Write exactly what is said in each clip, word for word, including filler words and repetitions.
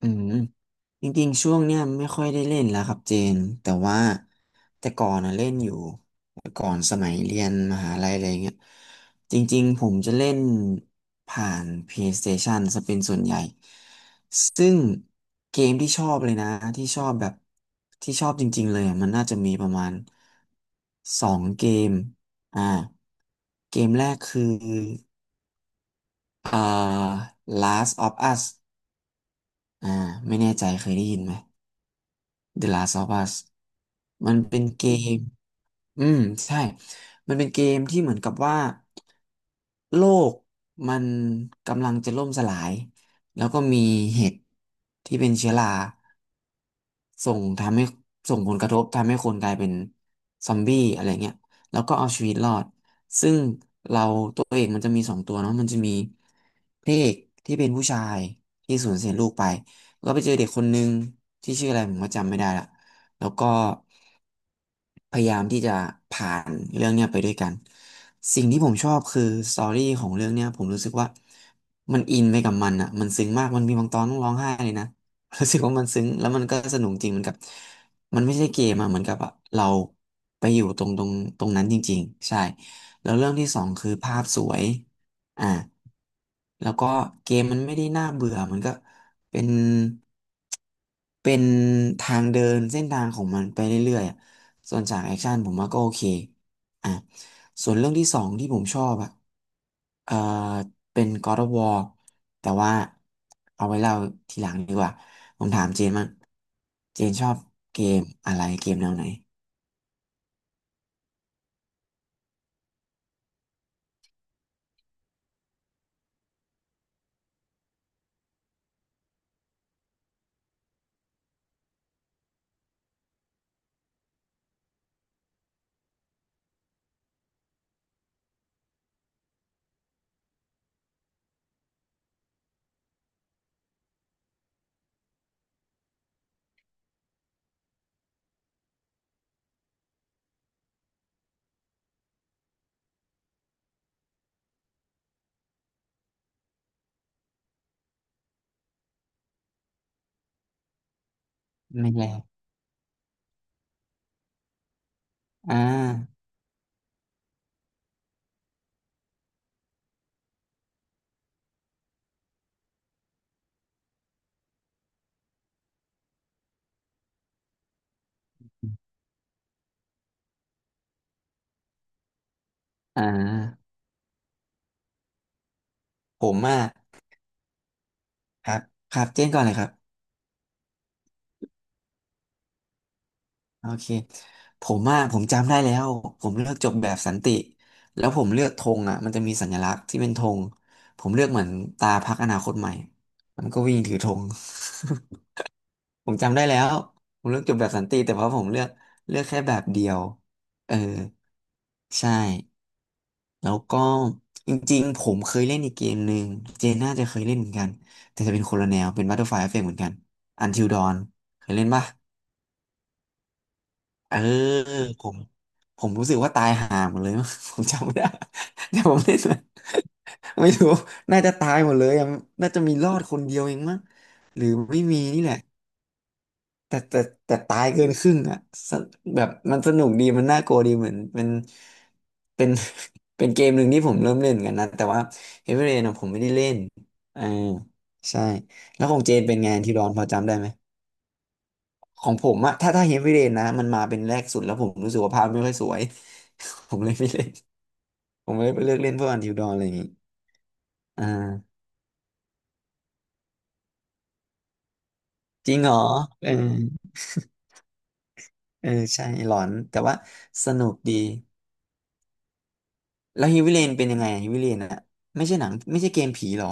อืมจริงๆช่วงเนี้ยไม่ค่อยได้เล่นแล้วครับเจนแต่ว่าแต่ก่อนอะเล่นอยู่แต่ก่อนสมัยเรียนมหาลัยอะไรเงี้ยจริงๆผมจะเล่นผ่าน PlayStation ซะเป็นส่วนใหญ่ซึ่งเกมที่ชอบเลยนะที่ชอบแบบที่ชอบจริงๆเลยอะมันน่าจะมีประมาณสองเกมอ่าเกมแรกคืออ่า Last of Us อ่าไม่แน่ใจเคยได้ยินไหม The Last of Us มันเป็นเกม อืมใช่ มันเป็นเกมที่เหมือนกับว่าโลกมันกำลังจะล่มสลาย แล้วก็มีเห็ดที่เป็นเชื้อรา ส่งทำให้ส่งผลกระทบทำให้คนกลายเป็นซอมบี้อะไรเงี้ยแล้วก็เอาชีวิตรอดซึ่งเราตัวเอกมันจะมีสองตัวเนาะมันจะมีพระเอกที่เป็นผู้ชายที่สูญเสียลูกไปก็ไปเจอเด็กคนนึงที่ชื่ออะไรผมก็จำไม่ได้ละแล้วก็ พยายามที่จะผ่านเรื่องเนี้ยไปด้วยกันสิ่งที่ผมชอบคือสตอรี่ของเรื่องเนี้ยผมรู้สึกว่ามันอินไปกับมันอ่ะมันซึ้งมากมันมีบางตอนต้องร้องไห้เลยนะ รู้สึกว่ามันซึ้งแล้วมันก็สนุกจริงเหมือนกับมันไม่ใช่เกมอะเหมือนกับอะเราไปอยู่ตรงตรงตรงนั้นจริงๆใช่แล้วเรื่องที่สองคือภาพสวยอ่าแล้วก็เกมมันไม่ได้น่าเบื่อมันก็เป็นเป็นทางเดินเส้นทางของมันไปเรื่อย ส่วนฉากแอคชั่นผมว่าก็โอเคอ่ะส่วนเรื่องที่สองที่ผมชอบอ่ะเอ่อเป็น God of War แต่ว่าเอาไว้เล่าทีหลังดีกว่า ผมถามเจนมั่งเจนชอบเกมอะไรเกมแนวไหน ไม่แย่อ่าอ่าผมอ่ะครับครับเจนก่อนเลยครับ โอเคผมอ่ะผมจำได้แล้วผมเลือกจบแบบสันติแล้วผมเลือกธงอ่ะมันจะมีสัญลักษณ์ที่เป็นธงผมเลือกเหมือนตาพรรคอนาคตใหม่มันก็วิ่งถือธง ผมจำได้แล้วผมเลือกจบแบบสันติแต่เพราะผมเลือกเลือกแค่แบบเดียวเออใช่แล้วก็จริงๆผมเคยเล่นอีกเกมหนึ่งเจนน่าจะเคยเล่นเหมือนกันแต่จะเป็นคนละแนวเป็น Butterfly Effect เหมือนกัน Until Dawn เคยเล่นปะ เออผมผมรู้สึกว่าตายห่าหมดเลย ผมจำไม่ได้ แต่ผมเล่นนะไม่รู้น่าจะตายหมดเลยอะน่าจะมีรอดคนเดียวเองมั้งหรือไม่มีนี่แหละแต่แต่แต่ตายเกินครึ่งอ่ะสแบบมันสนุกดีมันน่ากลัวดีเหมือนเป็นเป็น เป็นเกมหนึ่งที่ผมเริ่มเล่นกันนะแต่ว่าเฮ a วีเรนผมไม่ได้เล่นอ่าใช่แล้วของเจนเป็นไงที่ร้อนพอจำได้ไหม ของผมอะถ้าถ้าเฮฟวีเรนนะมันมาเป็นแรกสุดแล้วผมรู้สึกว่าภาพไม่ค่อยสวย ผมเลยไม่เล่นผมเลยไปเลือกเล่นพวกอันทิวดอนอะไรอย่างงี้อ่าจริงเหรอเออเออใช่หลอนแต่ว่าสนุกดีแล้วเฮฟวีเรนเป็นยังไงเฮฟวเรนอะไม่ใช่หนังไม่ใช่เกมผีเหรอ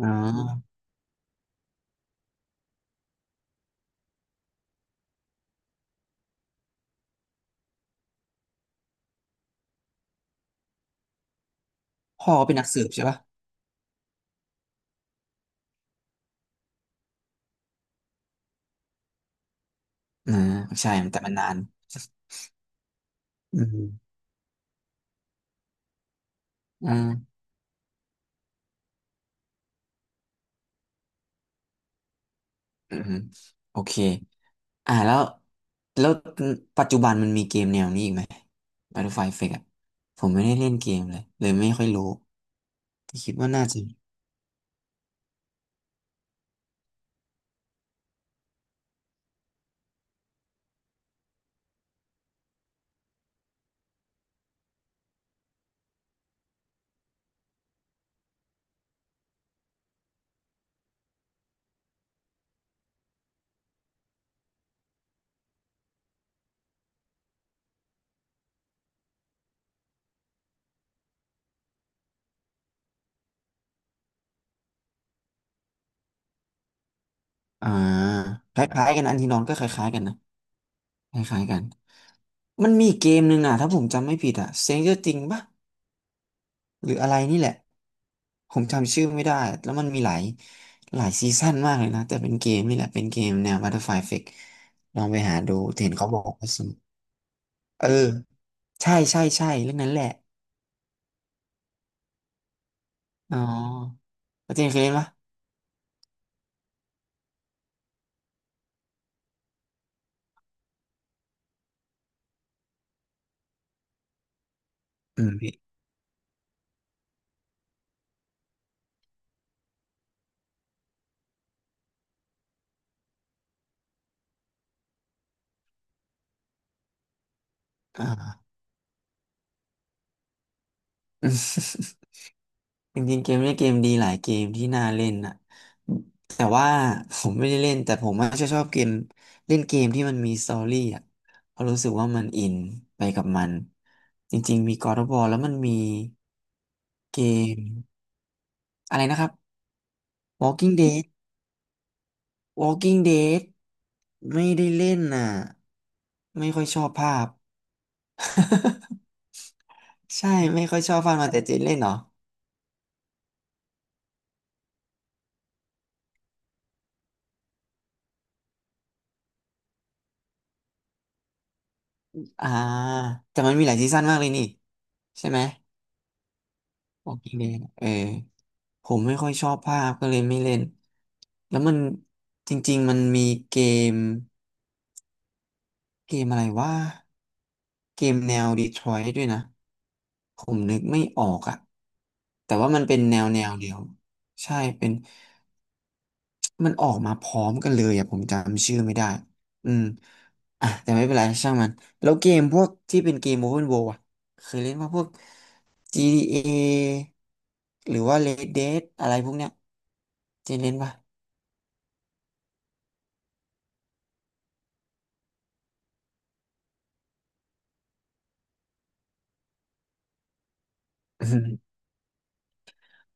อ๋อพ่อเป็นนักสืบใช่ปะอ่าใช่แต่มันนานอืมอืมอืมโอเค อ่าแล้วแล้วปัจจุบันมันมีเกมแนวนี้อีกไหม Battlefield Effect อ่ะผมไม่ได้เล่นเกมเลยเลยไม่ค่อยรู้แต่คิดว่าน่าจะมีอ่าคล้ายๆกันอันที่น้องก็คล้ายๆกันนะคล้ายๆกันมันมีเกมหนึ่งอ่ะถ้าผมจำไม่ผิดอ่ะ Stranger Things ป่ะหรืออะไรนี่แหละผมจำชื่อไม่ได้แล้วมันมีหลายหลายซีซั่นมากเลยนะแต่เป็นเกมนี่แหละเป็นเกมแนว Battlefield Effect ลองไปหาดูเห็นเขาบอกว่าสนุกเออใช่ใช่ใช่เรื่องนั้นแหละอ๋อ แล้วเจนเคยเล่นปะอืมพี่อ่า จริงๆเกมนี้เกมดีหลายเกมที่น่าเล่นนะแต่ว่า ผมไม่ได้เล่นแต่ผมอาจะชอบเกมเล่นเกมที่มันมีสตอรี่อ่ะเพราะรู้สึกว่ามันอินไปกับมันจริงๆมี God of War แล้วมันมีเกมอะไรนะครับ Walking Dead Walking Dead ไม่ได้เล่นน่ะไม่ค่อยชอบภาพ ใช่ไม่ค่อยชอบภาพมาแต่เจนเล่นเหรอ อ่าแต่มันมีหลายซีซั่นมากเลยนี่ใช่ไหมโอเคเลยเออผมไม่ค่อยชอบภาพก็เลยไม่เล่นแล้วมันจริงๆมันมีเกมเกมอะไรว่าเกมแนวดีทรอย t ์ด้วยนะผมนึกไม่ออกอะแต่ว่ามันเป็นแนวแนวเดียวใช่เป็น มันออกมาพร้อมกันเลยอ่ะผมจำชื่อไม่ได้ อืม อ่ะแต่ไม่เป็นไรช่างมันแล้วเกมพวกที่เป็นเกม Open World อ่ะเคยเล่นว่าพวก จี ที เอ หรือว่า Red Dead อะไรพวกเนี้ยเคยเล่นป่ะ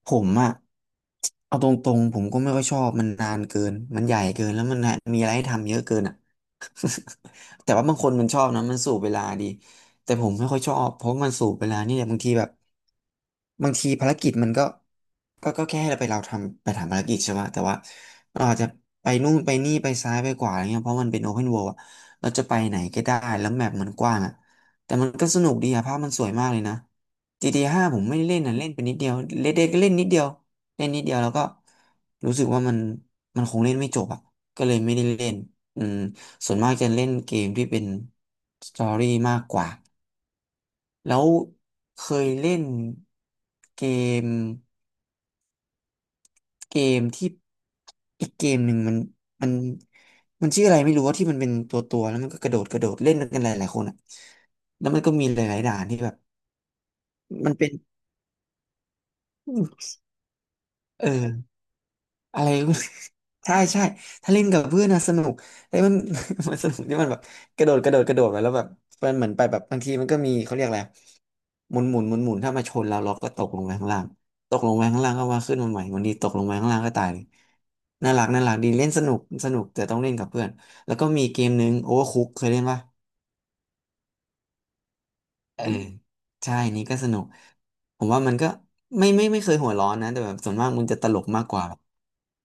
ผมอะเอาตรงๆผมก็ไม่ค่อยชอบมันนานเกินมันใหญ่เกินแล้วมันมีอะไรให้ทำเยอะเกินอะ แต่ว่าบางคนมันชอบนะมันสูบเวลาดีแต่ผมไม่ค่อยชอบเพราะมันสูบเวลานี่แหละบางทีแบบบางทีภารกิจมันก็ก็ก็แค่ให้เราไปเราทำไปทำภารกิจใช่ไหมแต่ว่าเราอาจจะไปนู่นไปนี่ไปซ้ายไปขวาอะไรเงี้ยเพราะมันเป็นโอเพนเวิลด์อะเราจะไปไหนก็ได้แล้วแมปมันกว้างอะ แต่มันก็สนุกดีอะภาพมันสวยมากเลยนะ GTA ห้าผมไม่ได้เล่นนะเล่นไปนิดเดียวเ e d Dead กก็เล่นนิดเดียวเล่นนิดเดียวแล้วก็รู้สึกว่ามันมันคงเล่นไม่จบอะก็เลยไม่ได้เล่นอืมส่วนมากจะเล่นเกมที่เป็นสตอรี่มากกว่าแล้วเคยเล่นเกมเกมที่อีกเกมหนึ่งมันมันมันชื่ออะไรไม่รู้ว่าที่มันเป็นตัวตัวแล้วมันก็กระโดดกระโดดเล่นกันหลายหลายคนอะแล้วมันก็มีหลายๆด่านที่แบบมันเป็น เอออะไร ใช่ใช่ถ้าเล่นกับเพื่อนนะสนุกไอ้มัน มันสนุกที่มันแบบกระโดดกระโดดกระโดดไปแล้วแบบมันเหมือนไปแบบบางทีมันก็มีเขาเรียกอะไรหมุนหมุนหมุนหมุนถ้ามาชนเราเราก็ตกลงไปข้างล่างตกลงไปข้างล่างก็ว่าขึ้นมาใหม่วันนี้ตกลงไปข้างล่างก็ตายเลยน่ารักน่ารักดีเล่นสนุกสนุกแต่ต้องเล่นกับเพื่อนแล้วก็มีเกมนึงโอเวอร์คุกเคยเล่นปะ เออใช่นี่ก็สนุกผมว่ามันก็ไม่ไม่ไม่เคยหัวร้อนนะแต่แบบส่วนมากมันจะตลกมากกว่าแบบ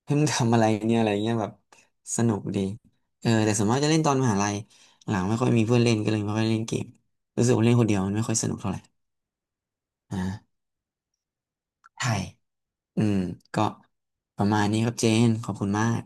เพมึงทำอะไรเนี่ยอะไรเงี้ยแบบสนุกดีเออแต่ส่วนมากจะเล่นตอนมหาลัยหลังไม่ค่อยมีเพื่อนเล่นก็เลยไม่ค่อยเล่นเกมรู้สึกว่าเล่นคนเดียวมันไม่ค่อยสนุกเท่าไหร่อ่าใช่อืมก็ประมาณนี้ครับเจนขอบคุณมาก